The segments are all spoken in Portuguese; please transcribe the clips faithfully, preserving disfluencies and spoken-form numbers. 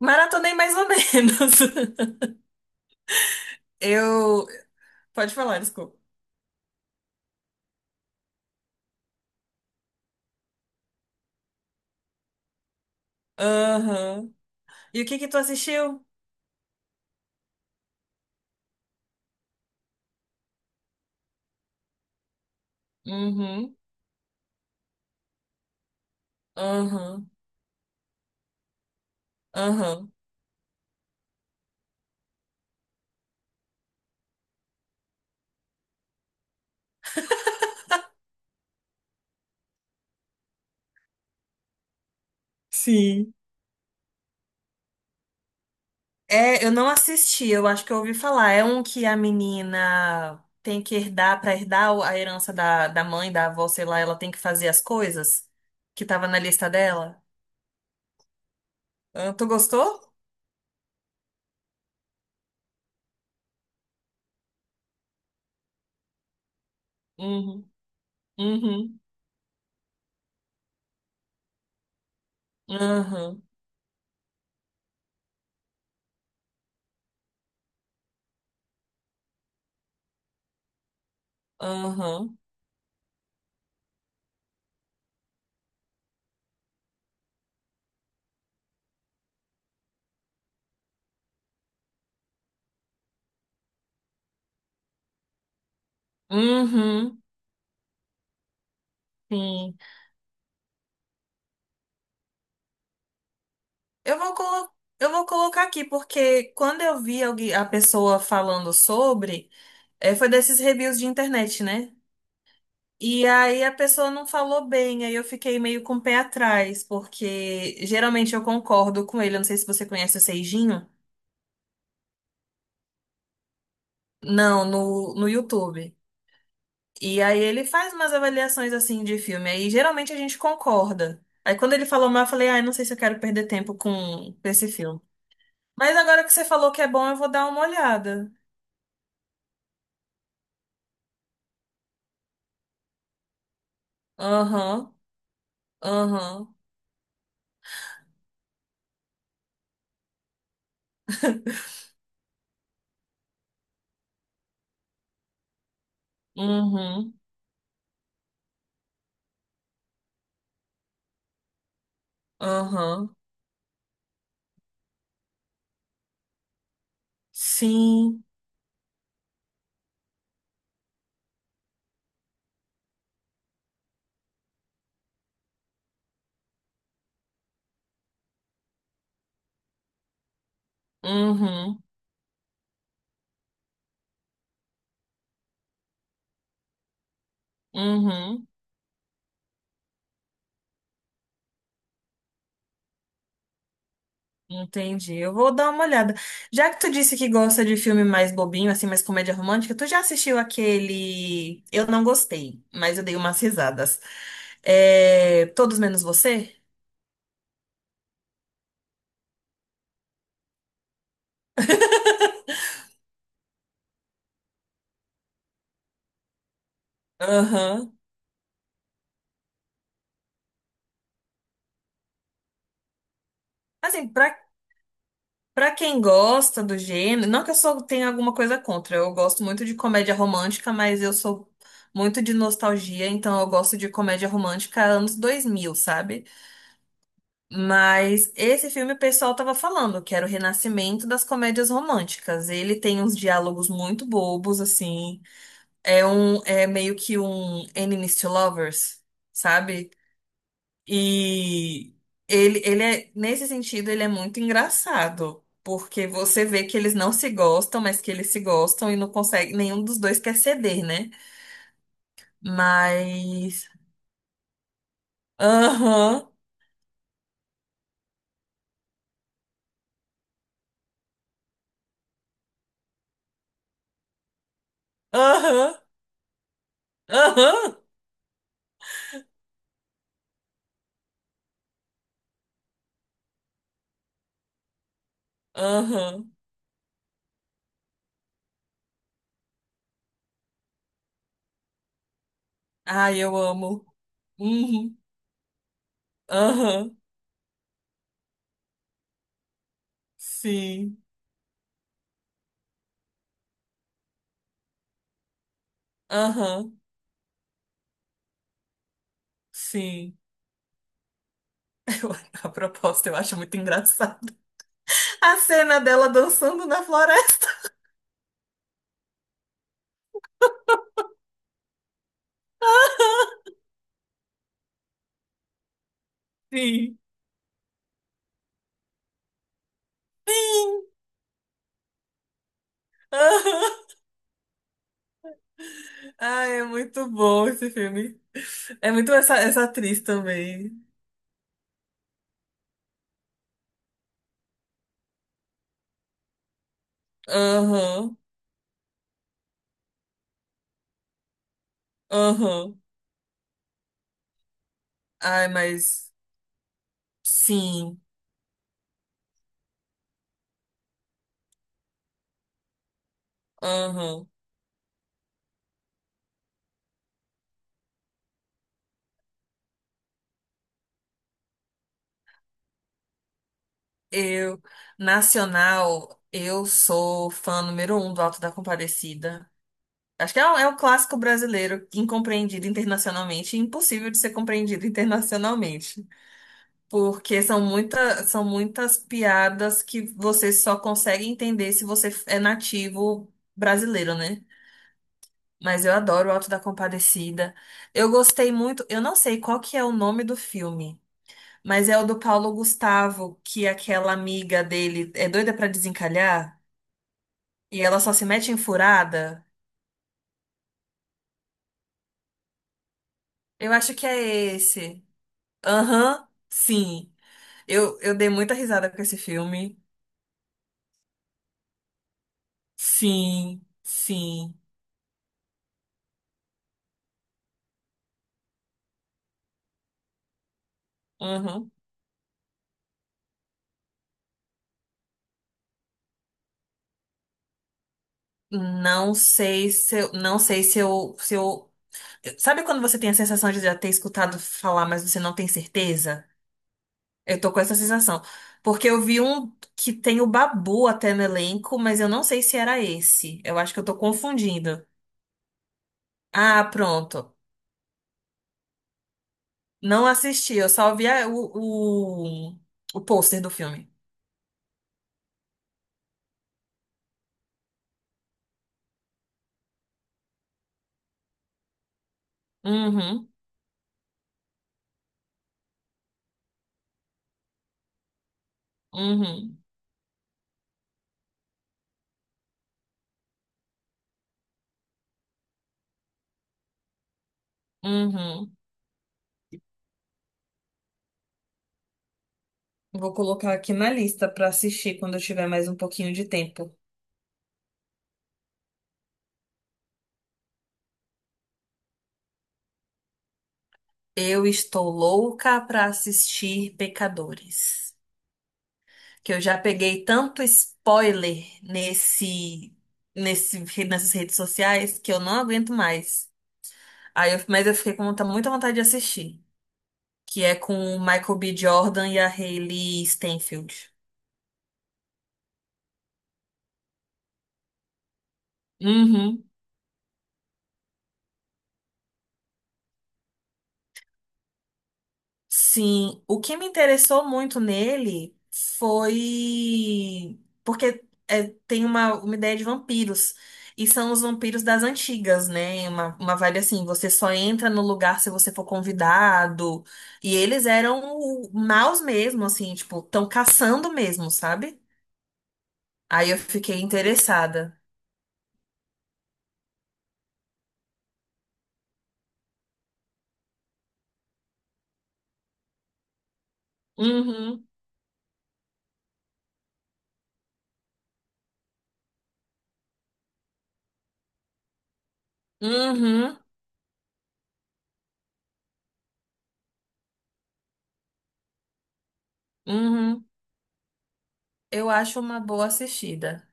Maratonei mais ou menos. Eu. Pode falar, desculpa. Aham. E o que que tu assistiu? Uhum. Aham. Aham. Sim. É, eu não assisti, eu acho que eu ouvi falar. É um que a menina tem que herdar, pra herdar o- a herança da, da mãe, da avó, sei lá, ela tem que fazer as coisas que tava na lista dela. Ah, tu gostou? Uhum. Uhum. Aham. Aham. Uhum. Sim. Eu vou colo- eu vou colocar aqui, porque quando eu vi alguém- a pessoa falando sobre, eh, foi desses reviews de internet, né? E aí a pessoa não falou bem, aí eu fiquei meio com o pé atrás, porque geralmente eu concordo com ele. Eu não sei se você conhece o Seijinho. Não, no, no YouTube. E aí ele faz umas avaliações assim de filme. Aí geralmente a gente concorda. Aí quando ele falou mal, eu falei, ai, não sei se eu quero perder tempo com esse filme. Mas agora que você falou que é bom, eu vou dar uma olhada. Aham. Aham. Uhum. Aham. Sim. Uhum. Uhum. Entendi. Eu vou dar uma olhada. Já que tu disse que gosta de filme mais bobinho, assim, mais comédia romântica, tu já assistiu aquele. Eu não gostei, mas eu dei umas risadas. É... Todos menos você? Aham. Assim, pra Pra quem gosta do gênero, não que eu só tenha alguma coisa contra, eu gosto muito de comédia romântica, mas eu sou muito de nostalgia, então eu gosto de comédia romântica anos dois mil, sabe? Mas esse filme o pessoal tava falando que era o renascimento das comédias românticas. Ele tem uns diálogos muito bobos, assim. É um, é meio que um Enemies to Lovers, sabe? E ele, ele é, nesse sentido, ele é muito engraçado, porque você vê que eles não se gostam, mas que eles se gostam e não consegue, nenhum dos dois quer ceder, né? Mas. Aham, aham, aham, aham. Ai, eu amo. Uhum, aham, sim, aham, sim. Eu- a proposta eu acho muito engraçada. A cena dela dançando na floresta. Sim. Sim. Ai, é muito bom esse filme. É muito essa, essa atriz também. Aham, aham. Ai, mas sim, aham. Eu, Nacional, eu sou fã número um do Alto da Compadecida. Acho que é um, é um clássico brasileiro incompreendido internacionalmente, e impossível de ser compreendido internacionalmente. Porque são muita, são muitas piadas que você só consegue entender se você é nativo brasileiro, né? Mas eu adoro o Alto da Compadecida. Eu gostei muito, eu não sei qual que é o nome do filme, mas é o do Paulo Gustavo, que aquela amiga dele é doida pra desencalhar e ela só se mete em furada. Eu acho que é esse. Aham, sim. Eu, eu dei muita risada com esse filme. Sim, sim. Aham. Não sei se eu, não sei se eu, se eu, sabe quando você tem a sensação de já ter escutado falar, mas você não tem certeza? Eu tô com essa sensação, porque eu vi um que tem o Babu até no elenco, mas eu não sei se era esse. Eu acho que eu tô confundindo. Ah, pronto. Não assisti, eu só vi a- o, o, o pôster do filme. Uhum, uhum, uhum. Vou colocar aqui na lista pra assistir quando eu tiver mais um pouquinho de tempo. Eu estou louca para assistir Pecadores, que eu já peguei tanto spoiler nesse, nesse, nessas redes sociais que eu não aguento mais. Aí eu- mas eu fiquei com muita, muita vontade de assistir, que é com o Michael B. Jordan e a Hailey Steinfeld. Uhum. Sim, o que me interessou muito nele foi porque é, tem uma, uma ideia de vampiros. E são os vampiros das antigas, né? Uma, uma vibe assim, você só entra no lugar se você for convidado. E eles eram o- maus mesmo, assim, tipo, tão caçando mesmo, sabe? Aí eu fiquei interessada. Uhum, uhum, uhum. Eu acho uma boa assistida.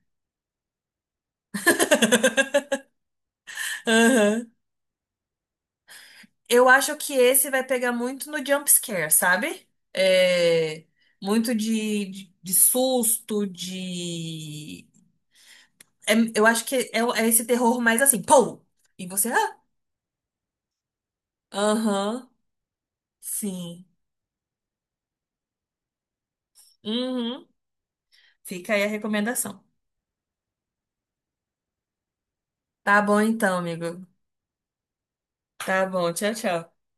Uhum. Eu acho que esse vai pegar muito no jump scare, sabe? É, muito de, de, de susto, de. É- eu acho que é, o- é esse terror mais assim, pô! E você, ah, aham, sim. Uhum. Fica aí a recomendação. Tá bom então, amigo. Tá bom, tchau, tchau.